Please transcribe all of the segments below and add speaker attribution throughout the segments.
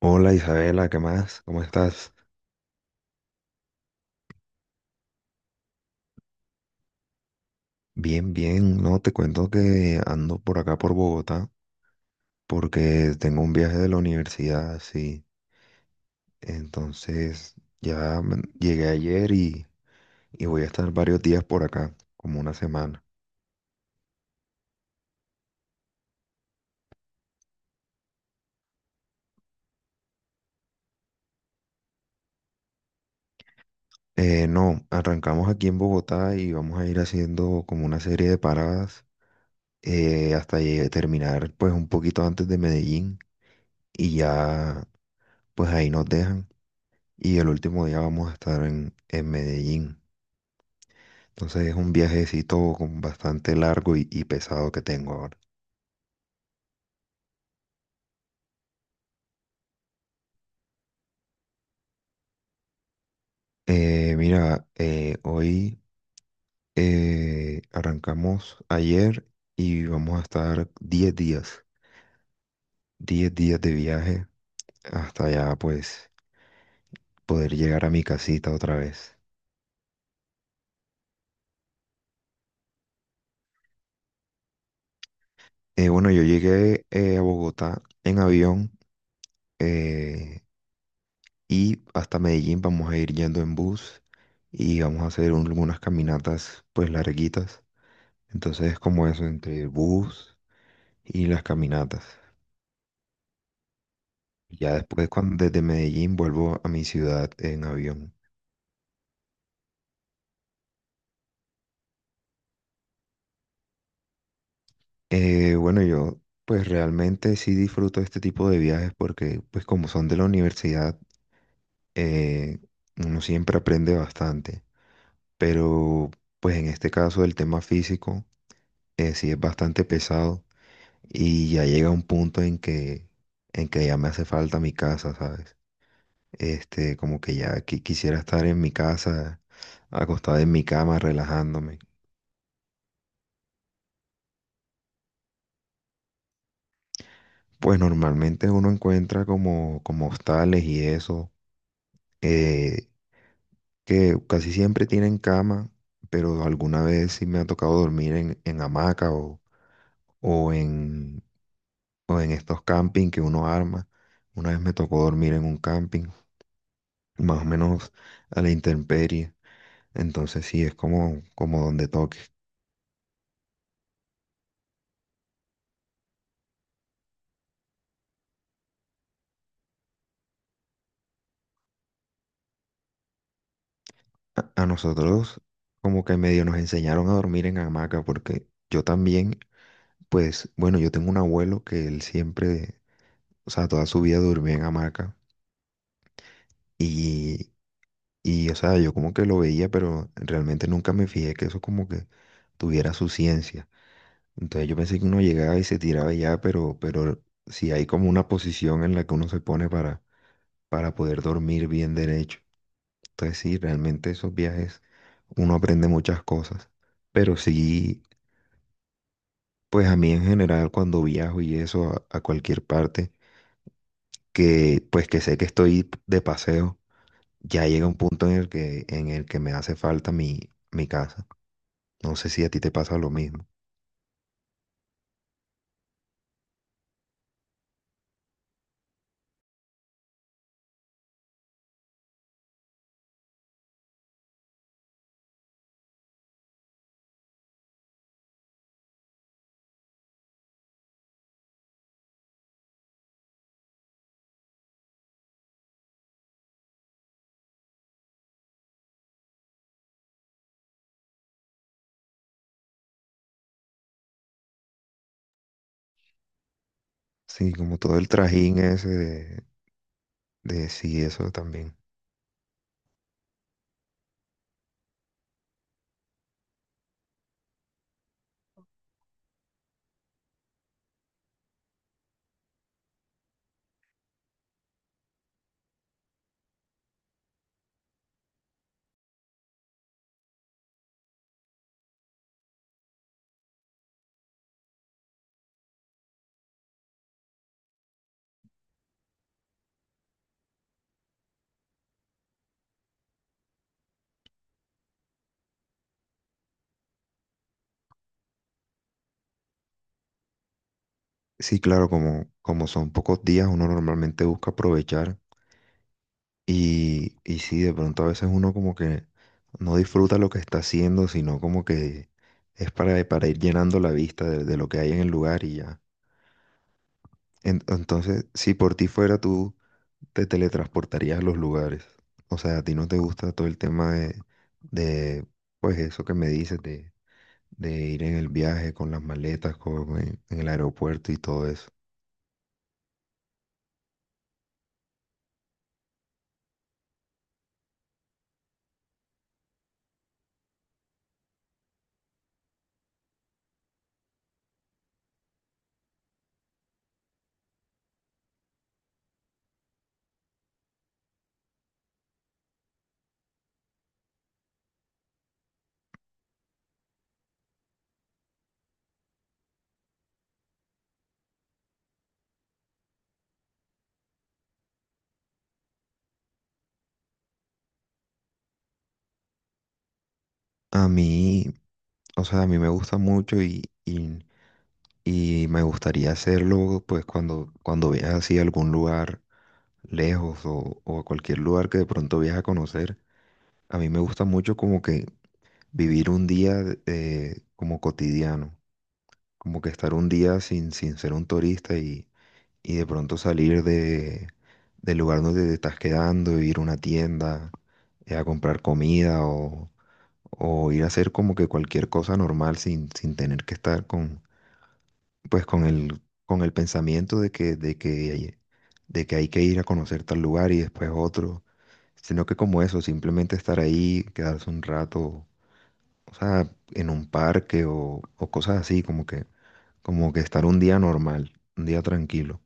Speaker 1: Hola Isabela, ¿qué más? ¿Cómo estás? Bien, bien. No, te cuento que ando por acá por Bogotá porque tengo un viaje de la universidad, sí. Entonces ya llegué ayer y voy a estar varios días por acá, como una semana. No, arrancamos aquí en Bogotá y vamos a ir haciendo como una serie de paradas hasta terminar pues un poquito antes de Medellín y ya pues ahí nos dejan. Y el último día vamos a estar en Medellín. Entonces es un viajecito con bastante largo y pesado que tengo ahora. Mira, hoy arrancamos ayer y vamos a estar 10 días, 10 días de viaje hasta ya pues poder llegar a mi casita otra vez. Bueno, yo llegué a Bogotá en avión eh, y hasta Medellín vamos a ir yendo en bus y vamos a hacer unas caminatas pues larguitas. Entonces como eso entre bus y las caminatas. Ya después, cuando desde Medellín vuelvo a mi ciudad en avión. Bueno, yo pues realmente sí disfruto este tipo de viajes porque pues como son de la universidad, eh, uno siempre aprende bastante. Pero pues en este caso el tema físico sí es bastante pesado y ya llega un punto en que ya me hace falta mi casa, ¿sabes? Este, como que ya quisiera estar en mi casa, acostado en mi cama, relajándome. Pues normalmente uno encuentra como, como hostales y eso, eh, que casi siempre tienen cama, pero alguna vez sí me ha tocado dormir en hamaca o en, o en estos camping que uno arma. Una vez me tocó dormir en un camping, más o menos a la intemperie, entonces sí, es como, como donde toque. A nosotros como que medio nos enseñaron a dormir en hamaca porque yo también... Pues bueno, yo tengo un abuelo que él siempre o sea, toda su vida durmió en hamaca y, y, o sea, yo como que lo veía, pero realmente nunca me fijé que eso como que tuviera su ciencia. Entonces yo pensé que uno llegaba y se tiraba y ya, pero sí hay como una posición en la que uno se pone para poder dormir bien derecho. Entonces sí, realmente esos viajes uno aprende muchas cosas, pero sí, pues a mí en general cuando viajo y eso a cualquier parte, que pues que sé que estoy de paseo ya llega un punto en el que me hace falta mi casa. No sé si a ti te pasa lo mismo. Sí, como todo el trajín ese de sí, eso también. Sí, claro, como, como son pocos días, uno normalmente busca aprovechar y sí, de pronto a veces uno como que no disfruta lo que está haciendo, sino como que es para ir llenando la vista de lo que hay en el lugar y ya. Entonces, si por ti fuera tú te teletransportarías a los lugares. O sea, a ti no te gusta todo el tema de pues eso que me dices, de ir en el viaje con las maletas, en el aeropuerto y todo eso. A mí, o sea, a mí me gusta mucho y me gustaría hacerlo pues cuando viajes así a algún lugar lejos o a cualquier lugar que de pronto viajes a conocer. A mí me gusta mucho como que vivir un día como cotidiano. Como que estar un día sin ser un turista y de pronto salir del lugar donde te estás quedando, ir a una tienda, a comprar comida o ir a hacer como que cualquier cosa normal sin tener que estar pues con el pensamiento de que hay que ir a conocer tal lugar y después otro, sino que como eso, simplemente estar ahí, quedarse un rato, o sea, en un parque o cosas así, como que estar un día normal, un día tranquilo.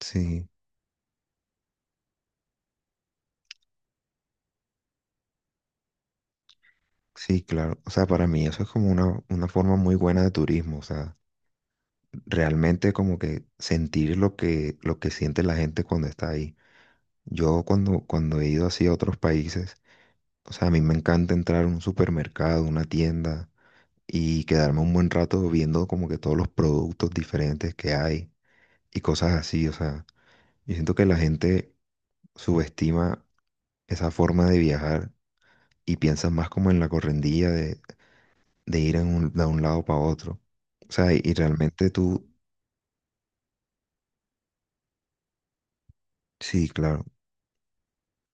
Speaker 1: Sí, sí, claro. O sea, para mí eso es como una forma muy buena de turismo. O sea, realmente como que sentir lo que siente la gente cuando está ahí. Yo cuando he ido así a otros países, o sea, a mí me encanta entrar a un supermercado, una tienda y quedarme un buen rato viendo como que todos los productos diferentes que hay y cosas así. O sea, yo siento que la gente subestima esa forma de viajar y piensas más como en la correndilla de ir en de un lado para otro. O sea, y realmente tú, sí, claro,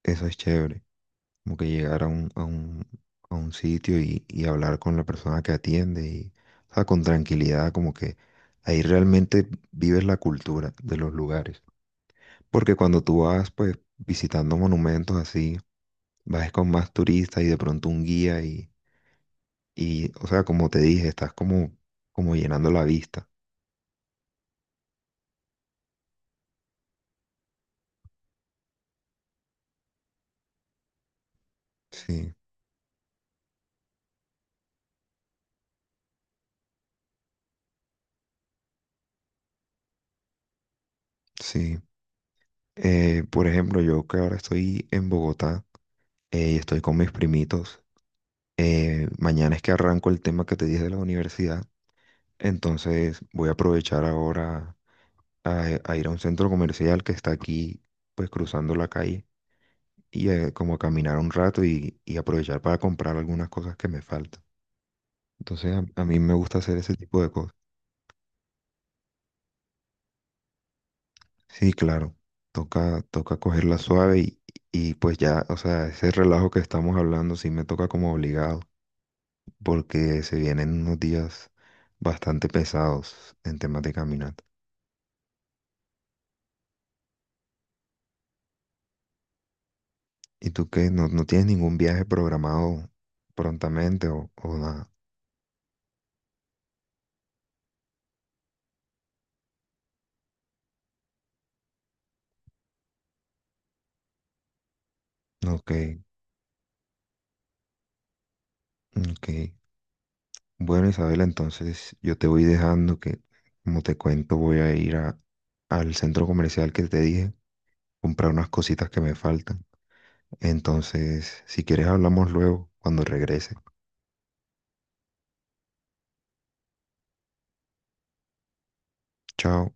Speaker 1: eso es chévere, como que llegar a un sitio y hablar con la persona que atiende y, o sea, con tranquilidad, como que ahí realmente vives la cultura de los lugares. Porque cuando tú vas, pues, visitando monumentos así, vas con más turistas y de pronto un guía y, o sea, como te dije, estás como llenando la vista. Sí, sí. Por ejemplo, yo que ahora estoy en Bogotá y estoy con mis primitos, mañana es que arranco el tema que te dije de la universidad, entonces voy a aprovechar ahora a ir a un centro comercial que está aquí, pues cruzando la calle, y como a caminar un rato y aprovechar para comprar algunas cosas que me faltan. Entonces a mí me gusta hacer ese tipo de cosas. Sí, claro, toca, toca cogerla suave y pues ya, o sea, ese relajo que estamos hablando sí me toca como obligado. Porque se vienen unos días bastante pesados en temas de caminata. ¿Y tú qué? ¿No, no tienes ningún viaje programado prontamente o nada? No, ok, ok. Bueno, Isabela, entonces yo te voy dejando que, como te cuento, voy a ir al centro comercial que te dije, comprar unas cositas que me faltan. Entonces, si quieres, hablamos luego cuando regrese. Chao.